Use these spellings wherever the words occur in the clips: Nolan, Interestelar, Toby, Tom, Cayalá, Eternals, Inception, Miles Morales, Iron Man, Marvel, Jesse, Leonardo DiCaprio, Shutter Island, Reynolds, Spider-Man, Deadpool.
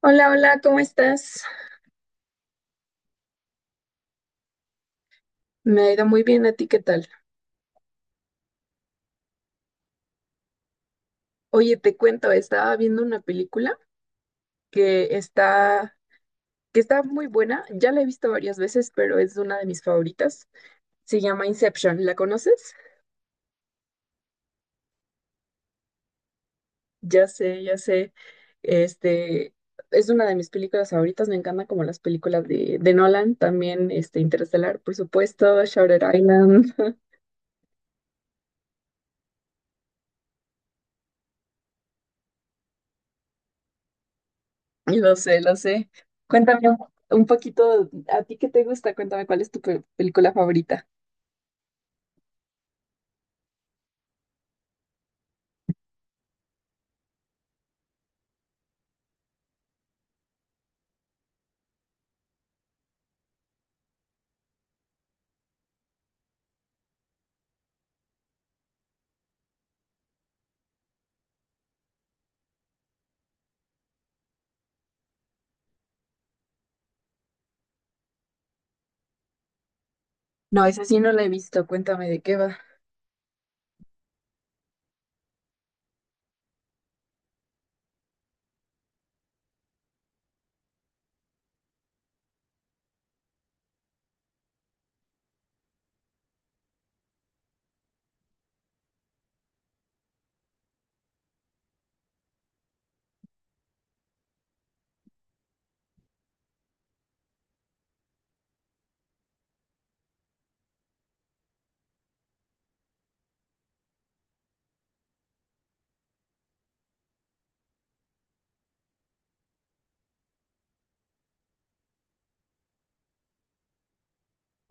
Hola, hola, ¿cómo estás? Me ha ido muy bien, ¿a ti qué tal? Oye, te cuento, estaba viendo una película que está, que está muy buena, ya la he visto varias veces, pero es una de mis favoritas. Se llama Inception, ¿la conoces? Ya sé, este, es una de mis películas favoritas, me encantan como las películas de Nolan, también Interestelar, por supuesto, Shutter Island. Lo sé, lo sé. Cuéntame un poquito, ¿a ti qué te gusta? Cuéntame cuál es tu película favorita. No, esa sí no la he visto. Cuéntame de qué va.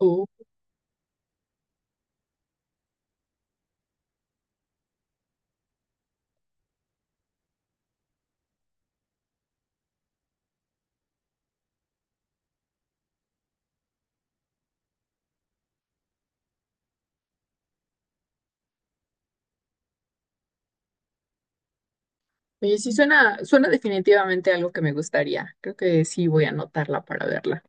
Oh, oye, sí suena, suena definitivamente algo que me gustaría. Creo que sí voy a anotarla para verla.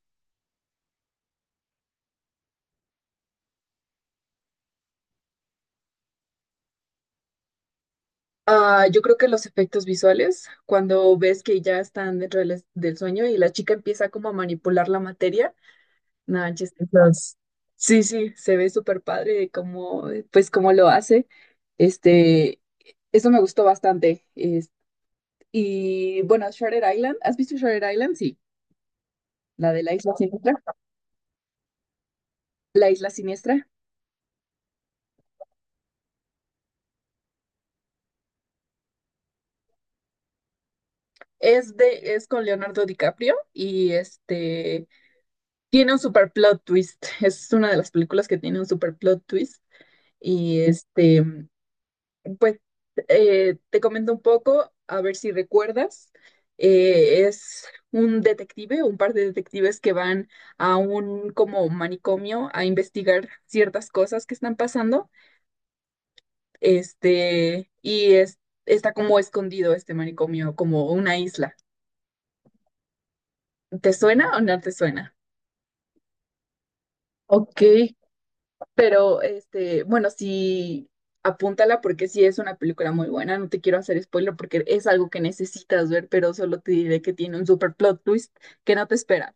Ah, yo creo que los efectos visuales, cuando ves que ya están dentro del, del sueño y la chica empieza como a manipular la materia. No, entonces, sí, sí, se ve súper padre como, pues, cómo lo hace. Este, eso me gustó bastante. Y bueno, Shutter Island, ¿has visto Shutter Island? Sí, la de la isla siniestra. La isla siniestra es de, es con Leonardo DiCaprio y tiene un super plot twist. Es una de las películas que tiene un super plot twist. Y este. Pues te comento un poco, a ver si recuerdas. Es un detective, un par de detectives que van a un como manicomio a investigar ciertas cosas que están pasando. Este, y es, está como escondido este manicomio, como una isla. ¿Te suena o no te suena? Ok, pero, bueno, sí, apúntala porque sí es una película muy buena. No te quiero hacer spoiler porque es algo que necesitas ver, pero solo te diré que tiene un super plot twist que no te esperas.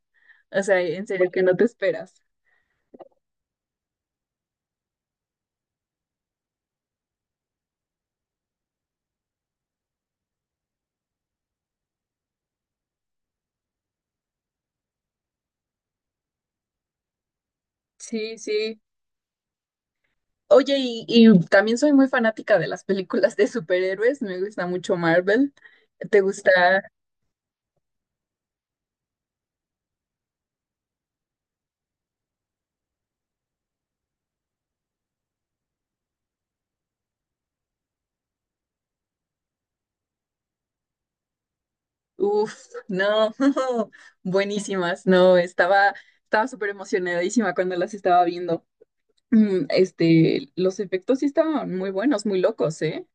O sea, en serio, que no te esperas. Sí, sí. Oye, y también soy muy fanática de las películas de superhéroes, me gusta mucho Marvel. ¿Te gusta? Uf, no, buenísimas, no, estaba, estaba súper emocionadísima cuando las estaba viendo. Mm, los efectos sí estaban muy buenos, muy locos, ¿eh?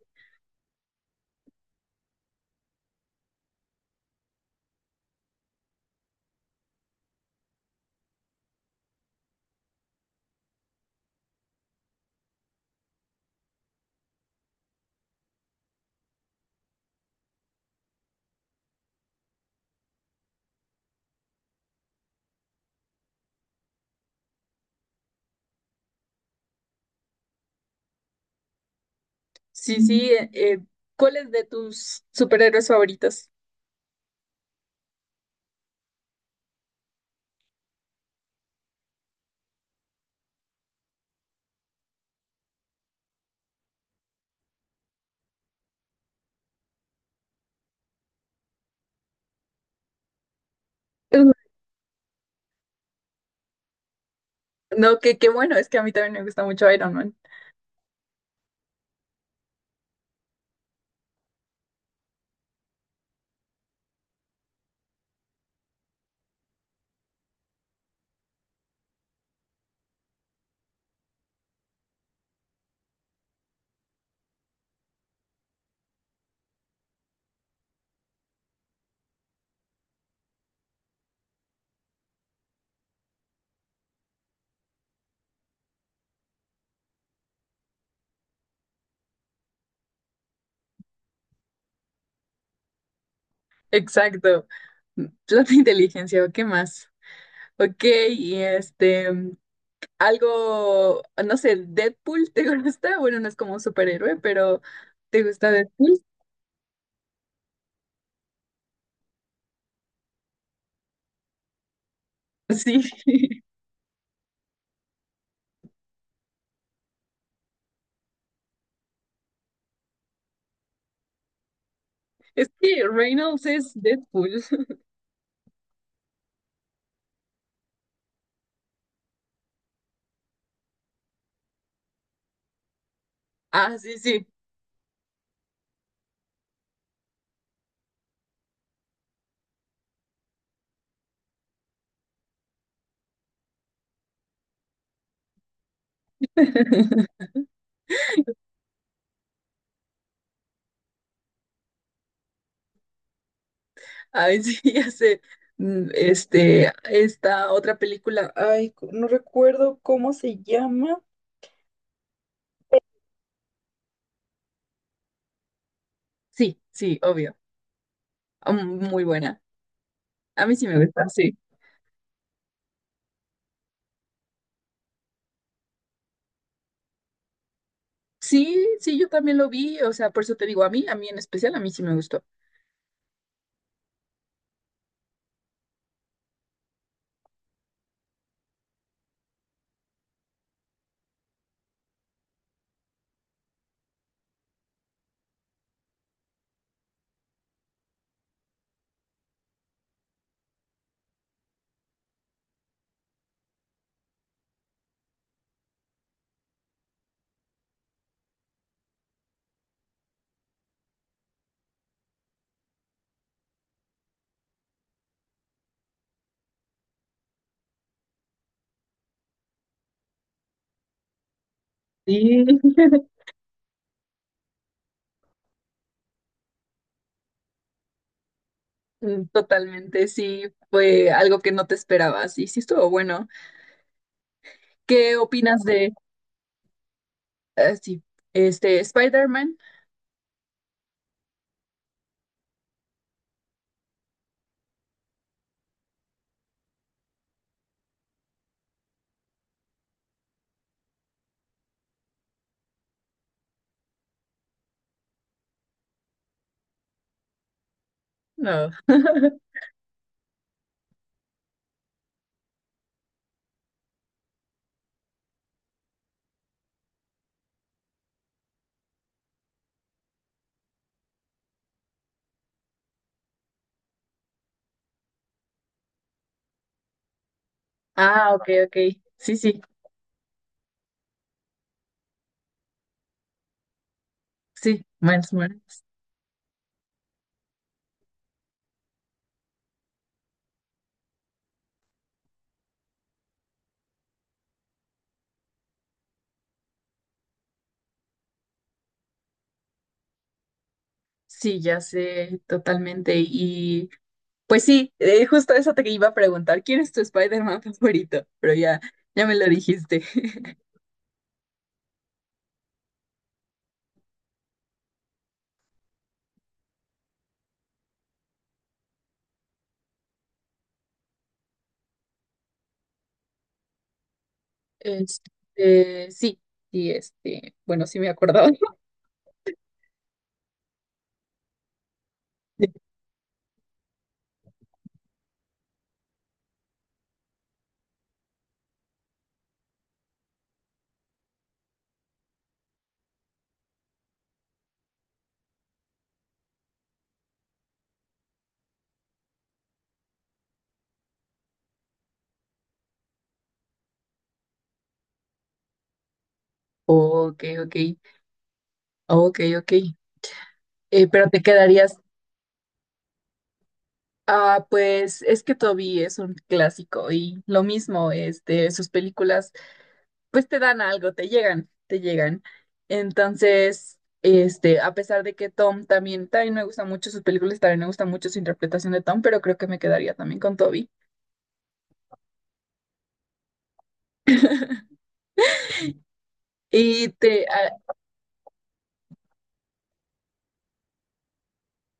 Sí, sí, ¿cuál es de tus superhéroes favoritos? Uh, No, que qué bueno, es que a mí también me gusta mucho Iron Man. Exacto. Plata e inteligencia, ¿o qué más? Ok, y este. mm, algo, no sé, Deadpool, ¿te gusta? Bueno, no es como un superhéroe, pero ¿te gusta Deadpool? Sí, es que Reynolds es Deadpool. Ah, sí, sí. Ay, sí, ya sé. Mm, esta otra película, ay, no recuerdo cómo se llama. Sí, sí, obvio. Muy buena. A mí sí me gusta, sí. Sí, sí, yo también lo vi, o sea, por eso te digo a mí en especial, a mí sí me gustó. Sí. Mm, totalmente, sí, fue algo que no te esperabas y sí estuvo bueno. ¿Qué opinas de, ah, sí, Spider-Man? No. Ah, ok, ok. Sí, sí, sí, Miles Morales. Sí, ya sé, totalmente. Y pues sí, justo eso te iba a preguntar, ¿quién es tu Spider-Man favorito? Pero ya, ya me lo dijiste. Este, sí, bueno, sí me acordaba. Ok, ok, ok. Pero te quedarías ah, pues es que Toby es un clásico y lo mismo, sus películas, pues te dan algo, te llegan, te llegan. Entonces, a pesar de que Tom también, también me gustan mucho sus películas, también me gusta mucho su interpretación de Tom, pero creo que me quedaría también con Toby. Y te, ah,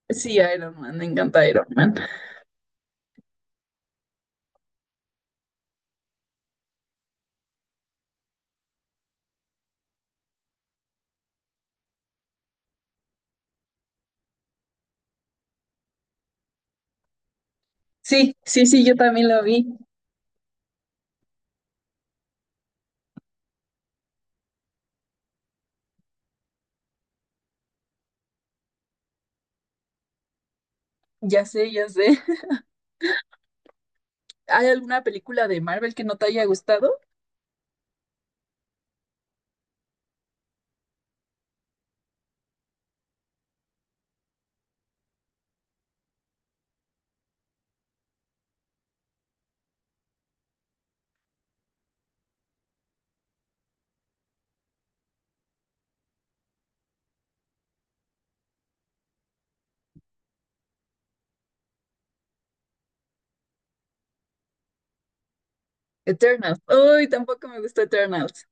sí, Iron Man, me encanta Iron Man. Sí, sí, sí, yo también lo vi. Ya sé, ya sé. ¿Hay alguna película de Marvel que no te haya gustado? Eternals. Uy, tampoco me gustó Eternals.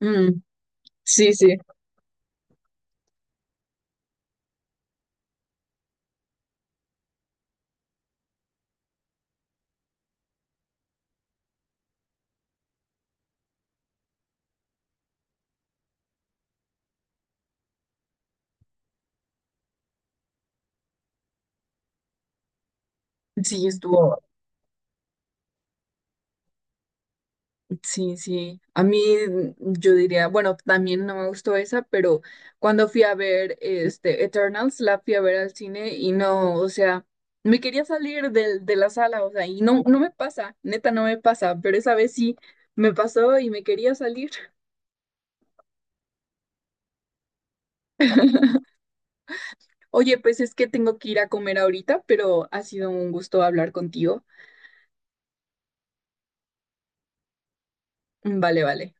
Mm, sí, sí. Sí, estuvo, sí, sí. A mí yo diría, bueno, también no me gustó esa, pero cuando fui a ver Eternals, la fui a ver al cine y no, o sea, me quería salir del, de la sala, o sea, y no, no me pasa, neta no me pasa, pero esa vez sí me pasó y me quería salir. Oye, pues es que tengo que ir a comer ahorita, pero ha sido un gusto hablar contigo. Mm, vale, vale.